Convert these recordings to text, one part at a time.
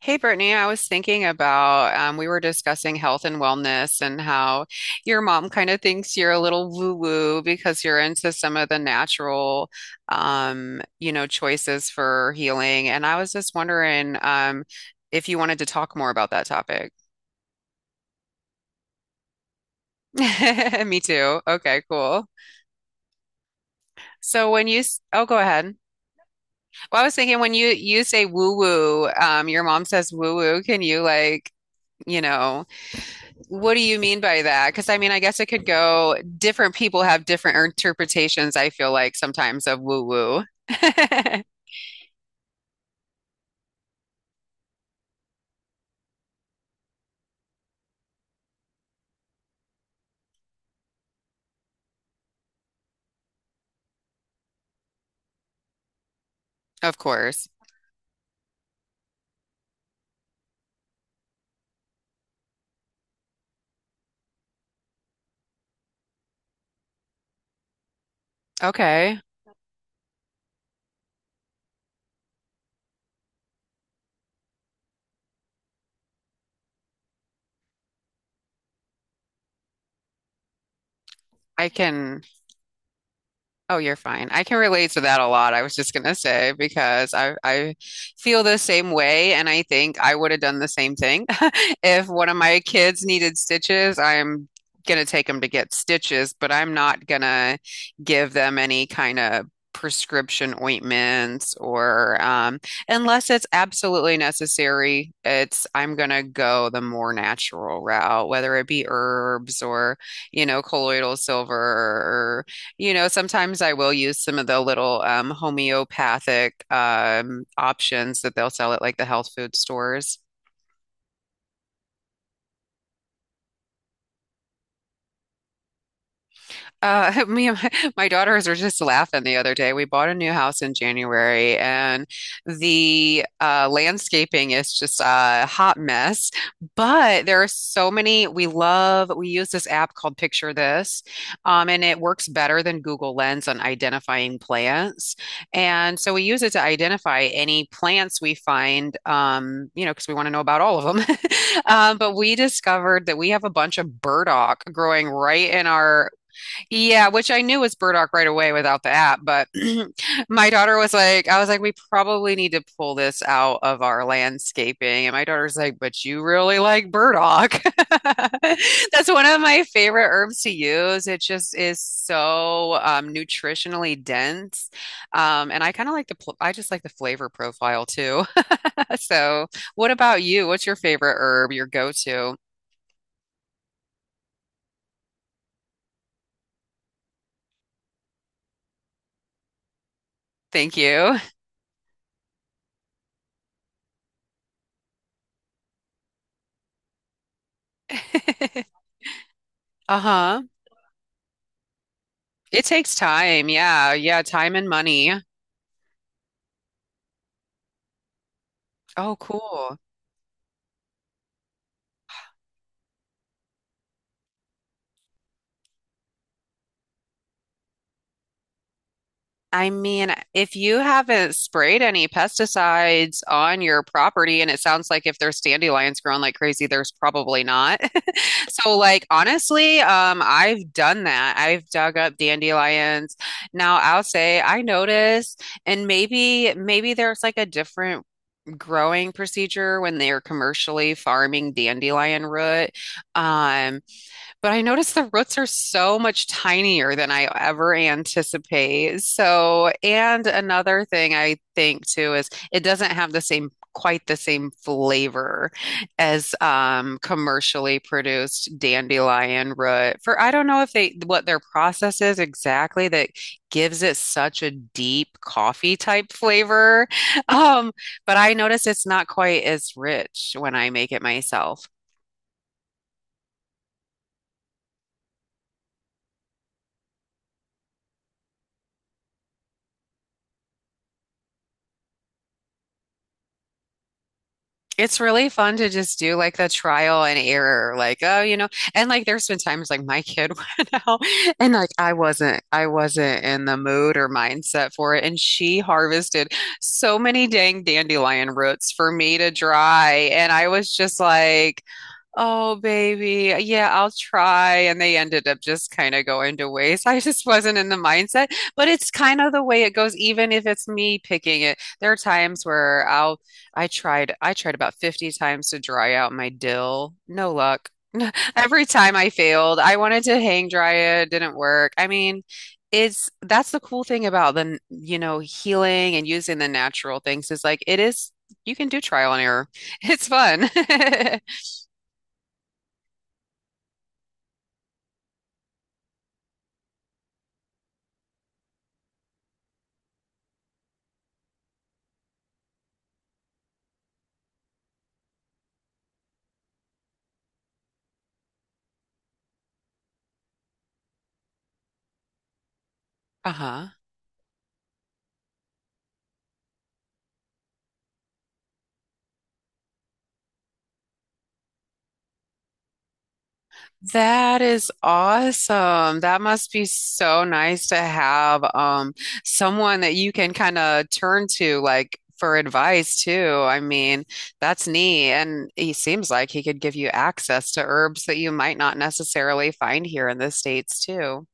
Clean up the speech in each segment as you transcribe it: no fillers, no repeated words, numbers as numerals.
Hey Brittany, I was thinking about we were discussing health and wellness and how your mom kind of thinks you're a little woo-woo because you're into some of the natural, choices for healing. And I was just wondering if you wanted to talk more about that topic. Me too. Okay, cool. So, oh, go ahead. Well, I was thinking when you say woo-woo, your mom says woo-woo. Can you like, you know? What do you mean by that? Because I mean, I guess it could go, different people have different interpretations, I feel like sometimes of woo woo. Of course. Okay. I can. Oh, you're fine. I can relate to that a lot. I was just gonna say because I feel the same way, and I think I would have done the same thing. If one of my kids needed stitches, I'm gonna take them to get stitches, but I'm not gonna give them any kind of prescription ointments or unless it's absolutely necessary. It's I'm gonna go the more natural route, whether it be herbs or colloidal silver, sometimes I will use some of the little homeopathic options that they'll sell at like the health food stores. Me and my daughters were just laughing the other day. We bought a new house in January, and the landscaping is just a hot mess. But there are so many we love. We use this app called Picture This, and it works better than Google Lens on identifying plants. And so we use it to identify any plants we find, because we want to know about all of them. But we discovered that we have a bunch of burdock growing right in our. Yeah, which I knew was burdock right away without the app, but my daughter was like, I was like, we probably need to pull this out of our landscaping. And my daughter's like, but you really like burdock. That's one of my favorite herbs to use. It just is so nutritionally dense. And I kind of like the, pl- I just like the flavor profile too. So what about you? What's your favorite herb, your go-to? Thank you. Uh-huh. It takes time. Yeah. Yeah. Time and money. Oh, cool. I mean, if you haven't sprayed any pesticides on your property, and it sounds like if there's dandelions growing like crazy, there's probably not. So, like, honestly, I've done that. I've dug up dandelions. Now, I'll say I noticed, and maybe there's like a different growing procedure when they're commercially farming dandelion root. Um, But I noticed the roots are so much tinier than I ever anticipate. So, and another thing I think too is it doesn't have quite the same flavor as commercially produced dandelion root. For I don't know if they, what their process is exactly that gives it such a deep coffee type flavor. Um, but I notice it's not quite as rich when I make it myself. It's really fun to just do like the trial and error, like, oh, and like there's been times like my kid went out and like I wasn't in the mood or mindset for it. And she harvested so many dang dandelion roots for me to dry. And I was just like, oh, baby. Yeah, I'll try. And they ended up just kind of going to waste. I just wasn't in the mindset, but it's kind of the way it goes, even if it's me picking it. There are times where I tried about 50 times to dry out my dill. No luck. Every time I failed, I wanted to hang dry it, didn't work. I mean, it's that's the cool thing about the healing and using the natural things is like it is, you can do trial and error. It's fun. Uh-huh. That is awesome. That must be so nice to have someone that you can kind of turn to like for advice too. I mean, that's neat. And he seems like he could give you access to herbs that you might not necessarily find here in the States too.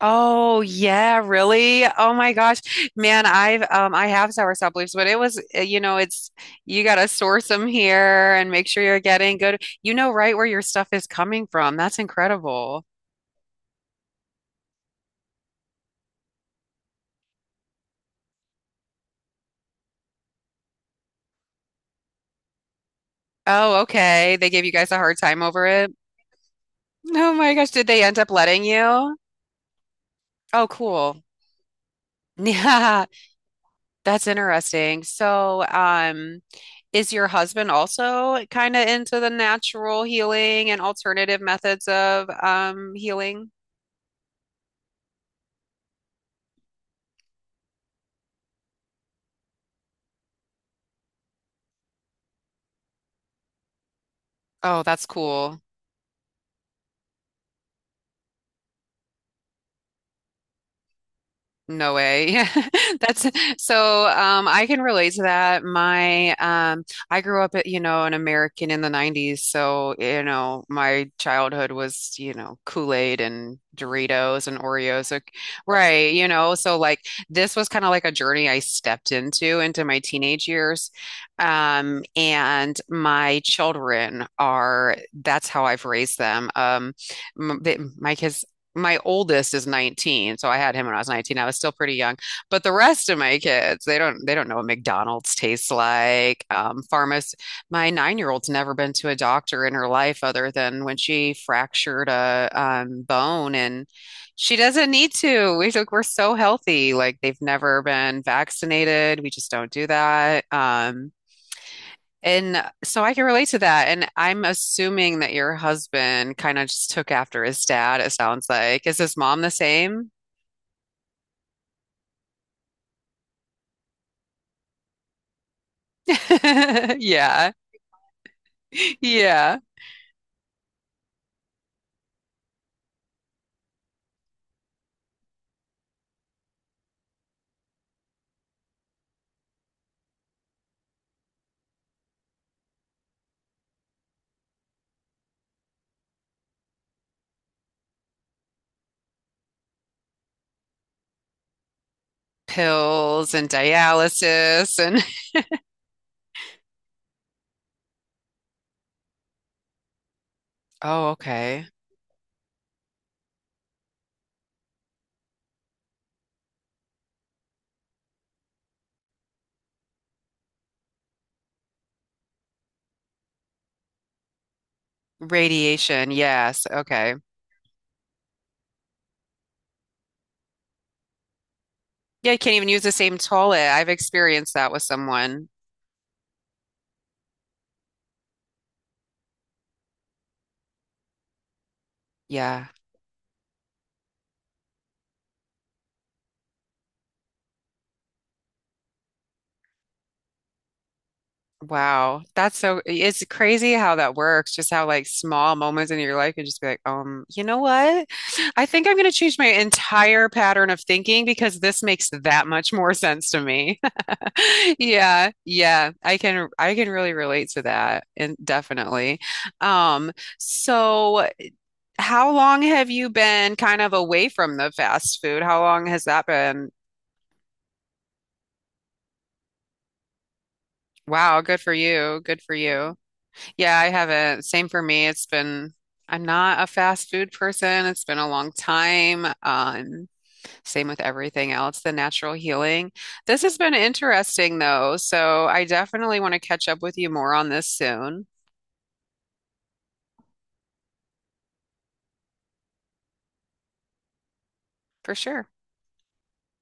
Oh yeah, really? Oh my gosh. Man, I have soursop leaves, but it was you know, it's you gotta source them here and make sure you're getting good. You know right where your stuff is coming from. That's incredible. Oh, okay. They gave you guys a hard time over it. Oh my gosh, did they end up letting you? Oh, cool. Yeah, that's interesting. So, is your husband also kind of into the natural healing and alternative methods of healing? Oh, that's cool. No way. That's so, I can relate to that. My I grew up at, an American in the 90s, so my childhood was, Kool-Aid and Doritos and Oreos. So, right, so like this was kind of like a journey I stepped into my teenage years. And my children are that's how I've raised them. M- they, my kids my oldest is 19, so I had him when I was 19. I was still pretty young. But the rest of my kids, they don't know what McDonald's tastes like. Pharmac my 9-year-old's never been to a doctor in her life other than when she fractured a bone, and she doesn't need to. We're so healthy. Like they've never been vaccinated. We just don't do that. And so I can relate to that. And I'm assuming that your husband kind of just took after his dad, it sounds like. Is his mom the same? Yeah. Yeah. Pills and dialysis and oh, okay. Radiation. Yes. Okay. Yeah, you can't even use the same toilet. I've experienced that with someone. Yeah. Wow. It's crazy how that works. Just how like small moments in your life can just be like, you know what? I think I'm going to change my entire pattern of thinking because this makes that much more sense to me. Yeah. Yeah. I can really relate to that and definitely. Um, so, how long have you been kind of away from the fast food? How long has that been? Wow. Good for you. Good for you. Yeah, I haven't. Same for me. I'm not a fast food person. It's been a long time. Same with everything else, the natural healing. This has been interesting, though. So I definitely want to catch up with you more on this soon, for sure.